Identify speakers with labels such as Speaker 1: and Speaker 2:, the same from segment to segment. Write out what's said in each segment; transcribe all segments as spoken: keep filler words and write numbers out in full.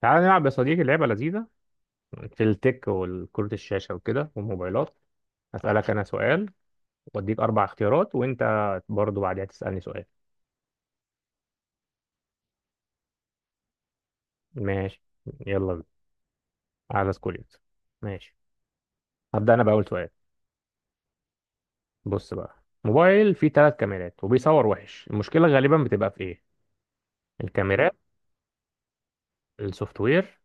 Speaker 1: تعال نلعب يا صديقي لعبة لذيذة في التك والكرة الشاشة وكده والموبايلات. هسألك أنا سؤال وأديك أربع اختيارات، وأنت برضو بعدها تسألني سؤال. ماشي، يلا بينا. على سكوليت. ماشي، هبدأ أنا بأول سؤال. بص بقى، موبايل فيه ثلاث كاميرات وبيصور وحش، المشكلة غالبا بتبقى في إيه؟ الكاميرات، السوفت وير،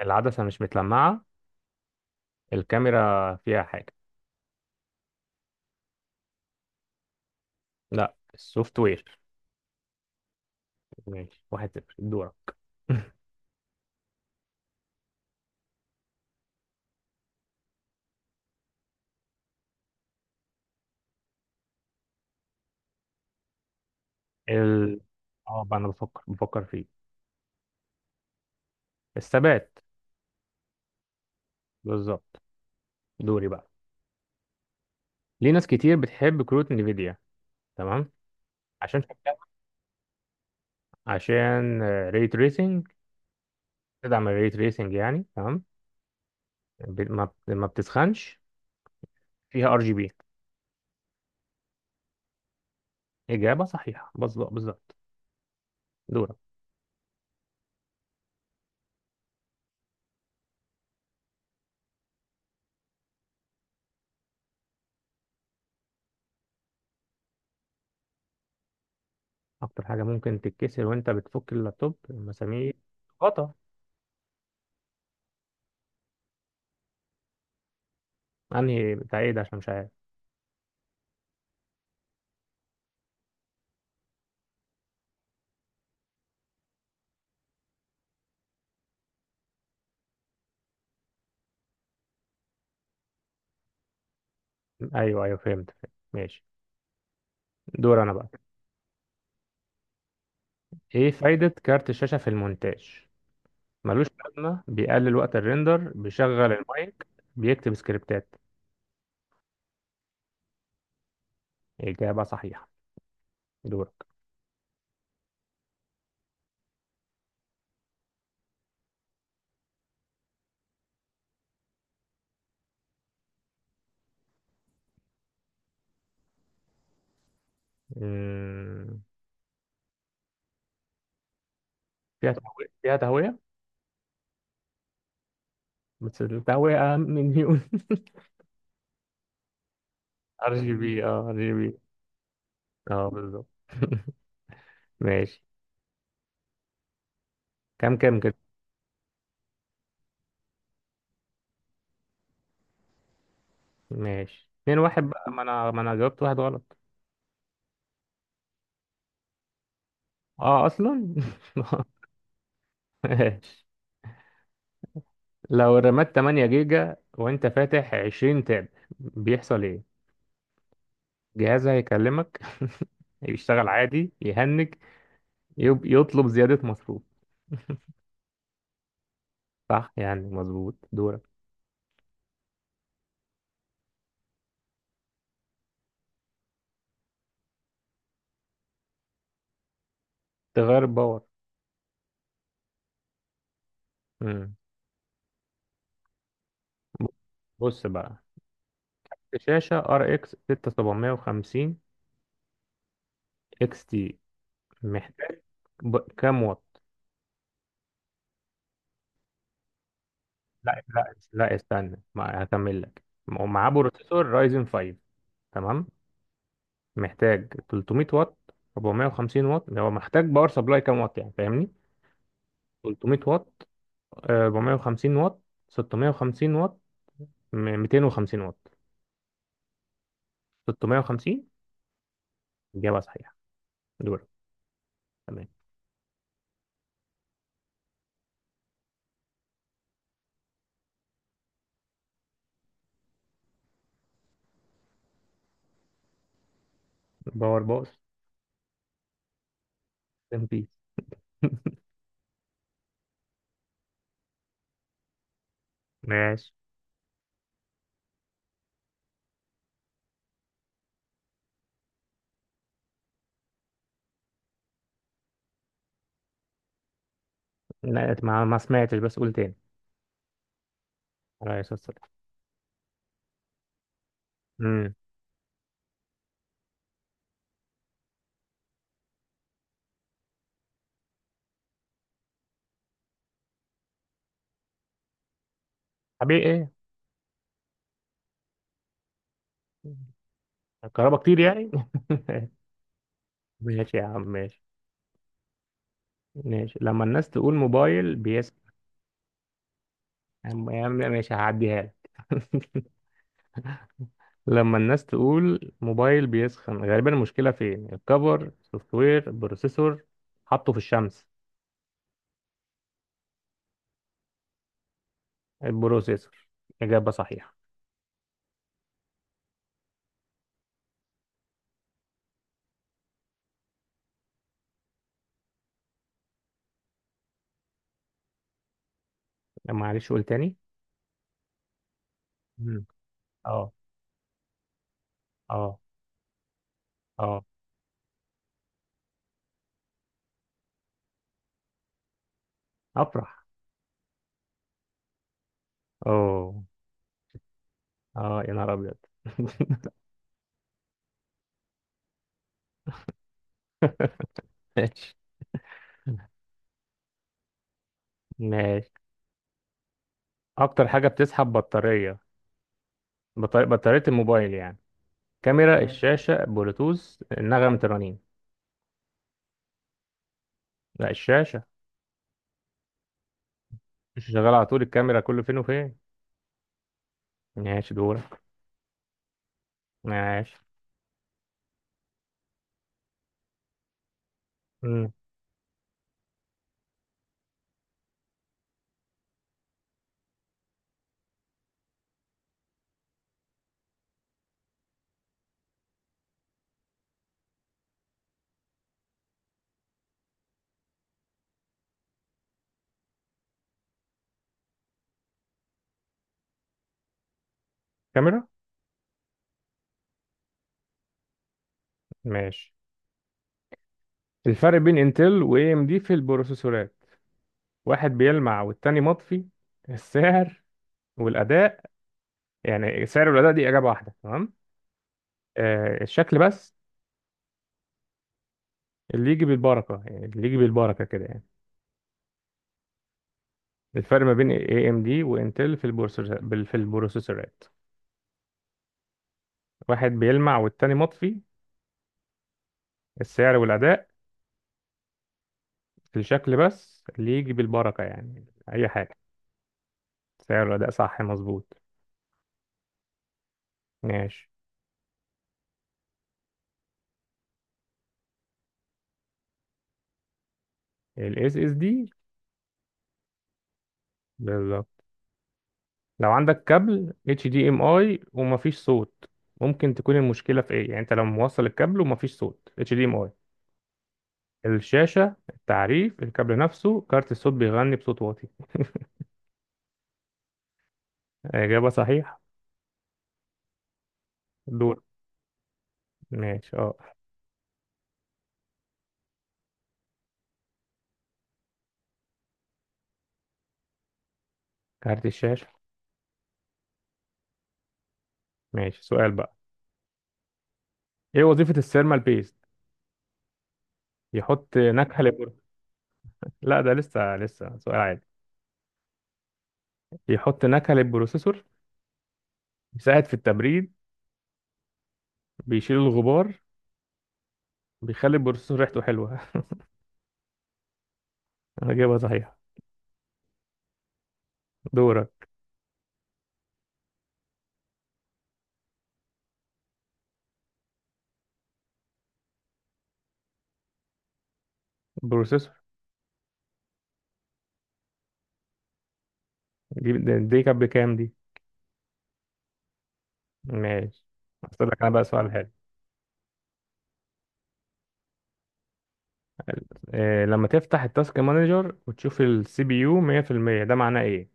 Speaker 1: العدسة مش متلمعة، الكاميرا فيها حاجة. لا، السوفت وير. ماشي، واحد صفر، دورك. ال... اه بقى، انا بفكر بفكر فيه. الثبات. بالظبط. دوري بقى. ليه ناس كتير بتحب كروت نفيديا؟ تمام. عشان شكلها، عشان ري تريسنج، تدعم الري تريسنج يعني، تمام، ب- ما بت- ما بتسخنش، فيها ار جي بي. اجابه صحيحه، بالظبط بالظبط. دورك. اكتر حاجه ممكن تتكسر وانت بتفك اللابتوب؟ مسامير، غطا، انهي بتاع ايه ده؟ عشان مش عارف. ايوه ايوه، فهمت فهمت. ماشي، دور انا بقى. ايه فايده كارت الشاشه في المونتاج؟ ملوش لازمة، بيقلل وقت الريندر، بيشغل المايك، بيكتب سكريبتات. إجابة صحيحة. دورك. مم. فيها تهوية، فيها تهوية. بس التهوية أهم من نيون. ار جي بي، اه ار جي بي. اه بالظبط. ماشي. كام كام كده؟ ماشي، اتنين واحد بقى، ما انا ما انا جاوبت واحد غلط. اه اصلا. ماشي. لو رمات 8 جيجا وانت فاتح 20 تاب، بيحصل ايه؟ جهازها هيكلمك. يشتغل عادي، يهنج، يب- يطلب زيادة مصروف. صح، يعني مظبوط. دورك. تغير باور. مم. بص بقى، شاشة ار اكس ستة سبعة خمسة صفر اكس تي، محتاج ب... كام واط؟ لا لا لا، استنى، ما هكمل لك. ومعاه بروسيسور رايزن خمسة، تمام؟ محتاج 300 واط، 450 واط، يعني هو محتاج باور سبلاي كام واط، يعني فاهمني. 300 واط، آه، 450 واط، 650 واط، م- 250 واط. ستمية وخمسين. إجابة صحيحة. دورك. تمام. باور بوس. ام بيس. ماشي. لا ما, ما سمعتش، بس قول تاني. على اساس السلام. امم حبيبي ايه؟ الكهرباء كتير يعني. ماشي يا عم، ماشي. ماشي. لما الناس تقول موبايل بيسخن، يا عم يا عم ماشي، هعديها لك. لما الناس تقول موبايل بيسخن، غالبا المشكلة فين؟ الكفر، سوفت وير، بروسيسور، حطه في الشمس. البروسيسور. إجابة صحيحة. معلش قول تاني. مم. اه. اه. اه. افرح. اوه. اه يا نهار ابيض. ماشي. ماشي. اكتر حاجه بتسحب بطاريه، بطارية, بطاريه الموبايل يعني. كاميرا، مم. الشاشه، بلوتوث، نغمه الرنين. لا، الشاشه مش شغاله على طول، الكاميرا كله فين وفين. ماشي، دورك. ماشي. مم. كاميرا. ماشي. الفرق بين انتل واي ام دي في البروسيسورات، واحد بيلمع والتاني مطفي، السعر والاداء، يعني السعر والاداء دي اجابه واحده تمام، آه الشكل بس اللي يجي بالبركه، يعني اللي يجي بالبركه كده يعني. الفرق ما بين اي ام دي وانتل في البروسيسورات في البروسيسورات واحد بيلمع والتاني مطفي، السعر والأداء، في الشكل بس اللي يجي بالبركة يعني أي حاجة. سعر والأداء، صح مظبوط. ماشي. ال S S D. بالظبط. لو عندك كابل H D M I ومفيش صوت، ممكن تكون المشكلة في إيه؟ يعني أنت لو موصل الكابل ومفيش صوت إتش دي إم آي. الشاشة، التعريف، الكابل نفسه، كارت الصوت بيغني بصوت واطي. إجابة صحيحة. دور. ماشي، اه. كارت الشاشة. ماشي، سؤال بقى. ايه وظيفة السيرمال بيست؟ يحط نكهة للبروسيسور. لا ده لسه لسه سؤال عادي. يحط نكهة للبروسيسور، يساعد في التبريد، بيشيل الغبار، بيخلي البروسيسور ريحته حلوة. انا جايبها صحيح. دورك. بروسيسور. دي دي كانت بكام؟ دي ماشي. هسألك لك انا بقى سؤال حلو. إيه لما تفتح التاسك مانجر وتشوف السي بي يو ميه في الميه ده معناه ايه؟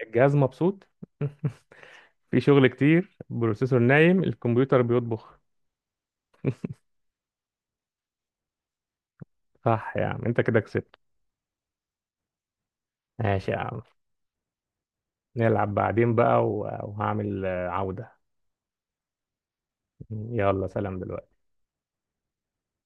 Speaker 1: الجهاز مبسوط، في شغل كتير، بروسيسور نايم، الكمبيوتر بيطبخ. صح يا عم، انت كده كسبت. ماشي يا عم، نلعب بعدين بقى، و- وهعمل آه، عودة. يلا سلام دلوقتي.